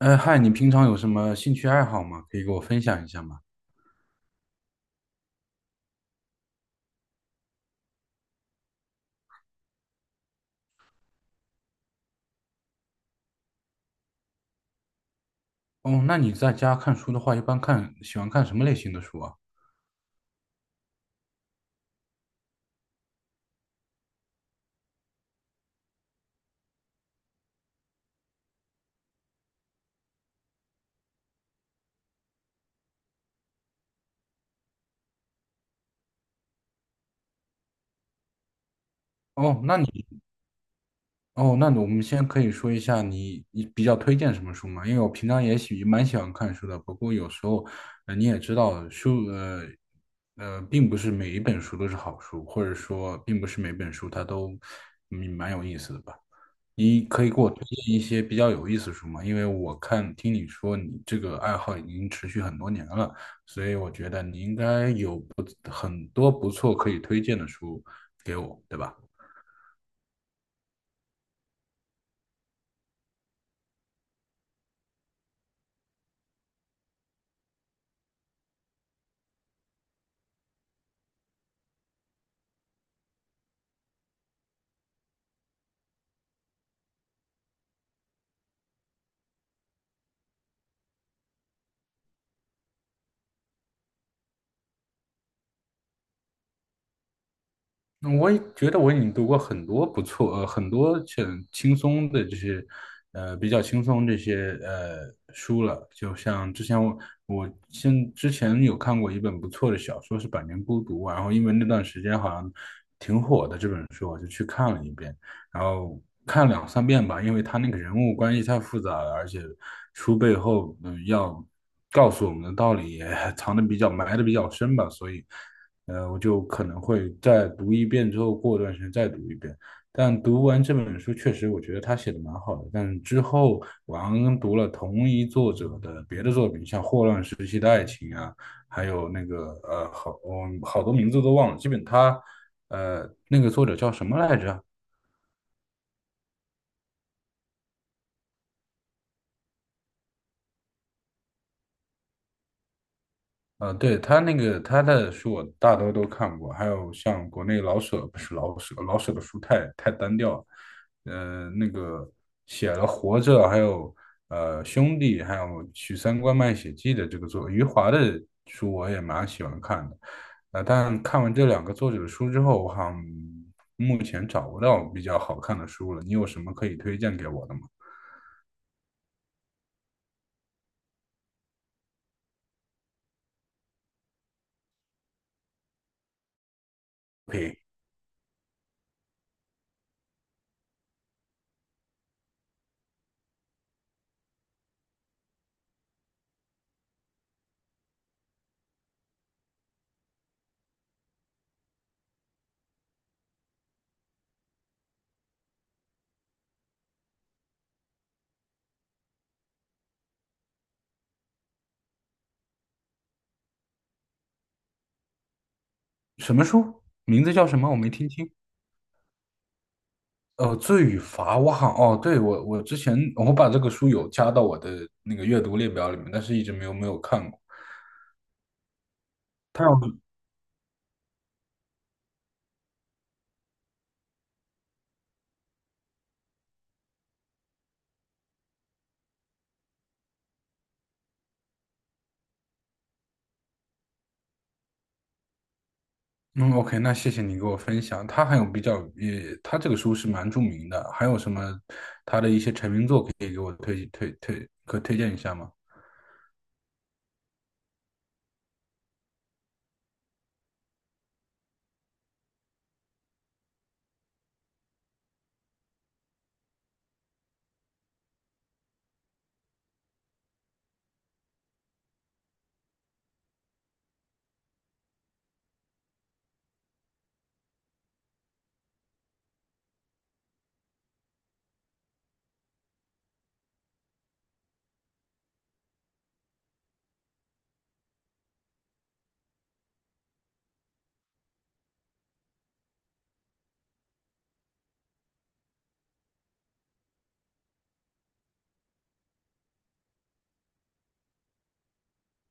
哎嗨，你平常有什么兴趣爱好吗？可以给我分享一下吗？哦，那你在家看书的话，一般看，喜欢看什么类型的书啊？哦，那你，哦，那我们先可以说一下你比较推荐什么书吗？因为我平常也喜蛮喜欢看书的，不过有时候，你也知道，书，并不是每一本书都是好书，或者说，并不是每本书它都，蛮有意思的吧。你可以给我推荐一些比较有意思的书吗？因为我看听你说你这个爱好已经持续很多年了，所以我觉得你应该有不很多不错可以推荐的书给我，对吧？那我也觉得我已经读过很多不错，很多很轻松的这些，比较轻松这些书了。就像之前我我现之前有看过一本不错的小说是《百年孤独》啊，然后因为那段时间好像。然后看了两三遍吧，因为他那个人物关系太复杂了，而且书背后要告诉我们的道理也 藏的比较埋的比较深吧，所以我就可能会再读一遍之后，过段时间再读一遍。但读完这本书，确实我觉得他写的蛮好的。但之后我刚刚读了同一作者的别的作品，像《霍乱时期的爱情》啊，还有那个好，我好多名字都忘了。基本他那个作者叫什么来着？对，他那个他的书我大多都看过，还有像国内老舍，不是老舍，老舍的书太单调了，那个写了《活着》，还有《兄弟》，还有《许三观卖血记》的这个作，余华的书我也蛮喜欢看的。但看完这两个作者的书之后，我好像目前找不到比较好看的书了，你有什么可以推荐给我的吗？呸，什么书？名字叫什么？我没听清。呃，罪与罚，我好哦，对我之前我把这个书有加到我的那个阅读列表里面，但是一直没有看过。他有嗯，OK，那谢谢你给我分享。他还有比较也，他这个书是蛮著名的，还有什么他的一些成名作可以给我推荐一下吗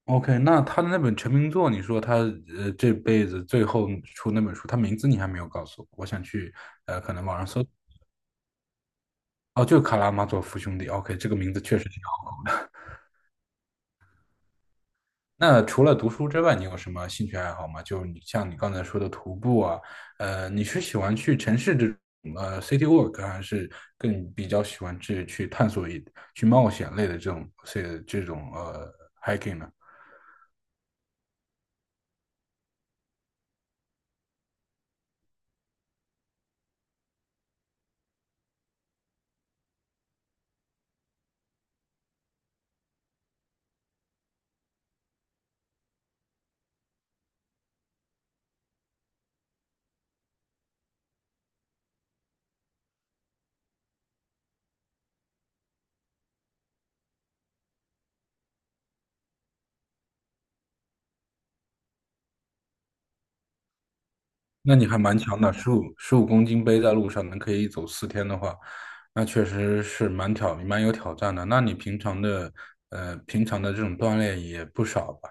？OK，那他的那本成名作，你说他这辈子最后出那本书，他名字你还没有告诉我，我想去可能吗？哦，就《卡拉马佐夫兄弟》。OK，这个名字确实。那除了读书之外，你有什么兴趣爱好吗？就你像你刚才说的徒步啊，你是喜欢去城市这种city walk，还是更比较喜欢去探索一去冒险类的这种 hiking 呢？那你还蛮强的，十五公斤背在路上能可以走4天的话，那确实是蛮有挑战的。那你平常的这种锻炼也不少吧？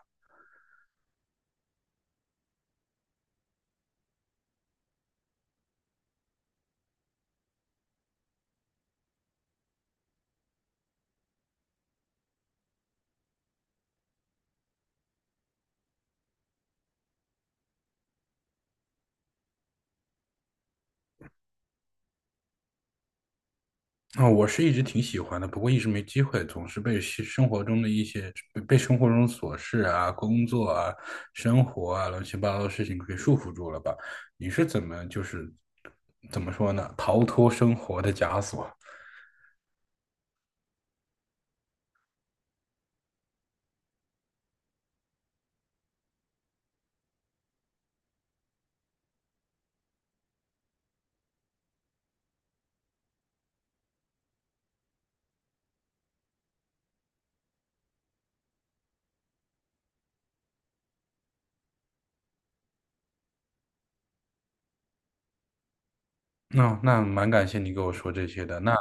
啊、我是一直挺喜欢的，不过一直没机会，总是被西生活中的一些被生活中琐事啊、工作啊、生活啊乱七八糟的事情给束缚住了吧？你是怎么说呢？逃脱生活的枷锁？那那蛮感谢你给我说这些的。那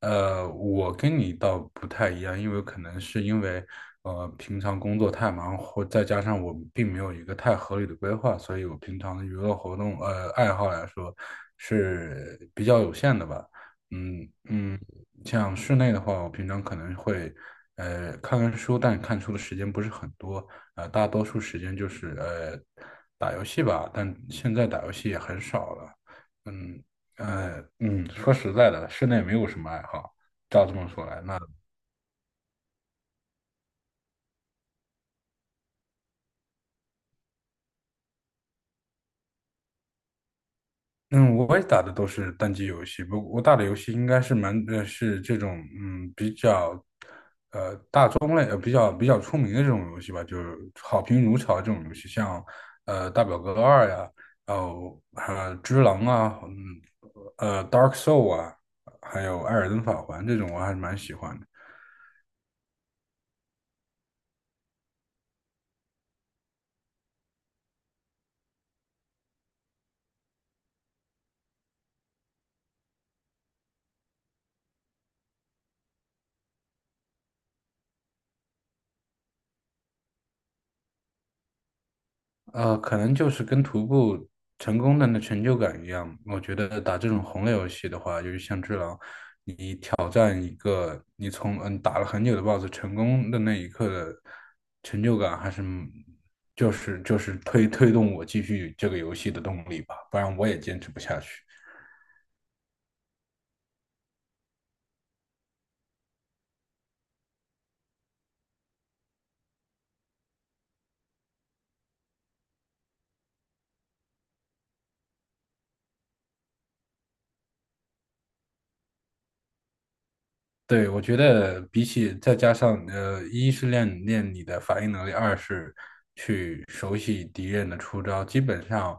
我跟你倒不太一样，因为可能是因为平常工作太忙，或再加上我并没有一个太合理的规划，所以我平常的娱乐活动爱好来说是比较有限的吧。嗯嗯，像室内的话，我平常可能会看看书，但看书的时间不是很多，大多数时间就是打游戏吧，但现在打游戏也很少了。嗯，说实在的，室内没有什么爱好。照这么说来，那嗯，我也打的都是单机游戏，不，我打的游戏应该是是这种比较比较比较出名的这种游戏吧，就是好评如潮这种游戏，像大表哥二呀，然后只狼啊，Dark Soul 啊，还有艾尔登法环这种，我还是蛮喜欢的。可能就是跟徒步成功的那成就感一样。我觉得打这种红类游戏的话，就是像《只狼》，挑战一个你从打了很久的 BOSS 成功的那一刻的成就感，还是就是动我继续这个游戏的动力吧，不然我也坚持不下去。对，我觉得比起再加上一是练练你的反应能力，二是去熟悉敌人的出招。基本上，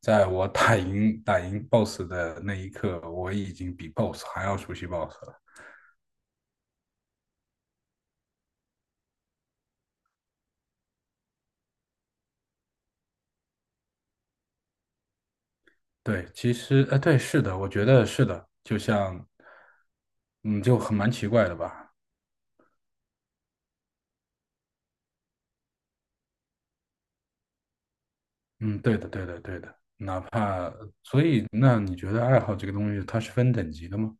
在我打赢 BOSS 的那一刻，我已经比 BOSS 还要熟悉 BOSS 了。对，其实对，是的，我觉得是的，就像嗯，就很蛮奇怪的吧。嗯，对的，对的，对的。哪怕所以，那你觉得爱好这个东西，它是分等级的吗？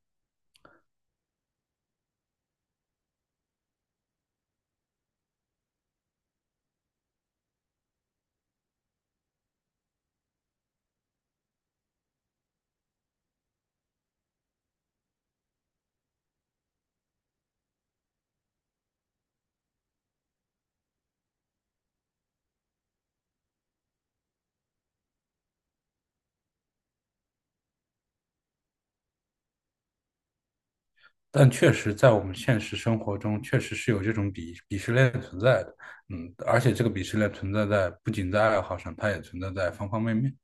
但确实，在我们现实生活中，确实是有这种鄙视链存在的。嗯，而且这个鄙视链存在在不仅在爱好上，它也存在在方方面面。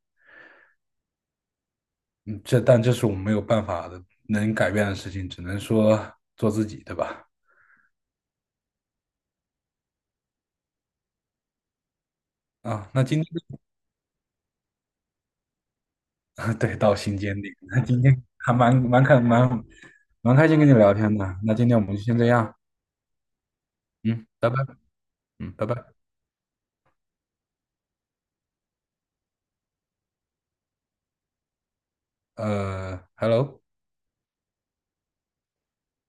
嗯，这但这是我们没有办法的，能改变的事情，只能说做自己，对吧？啊，那今天啊 对到心坚定。那今天还蛮开心跟你聊天的。那今天我们就先这样。嗯，拜拜。嗯，拜拜。呃，hello。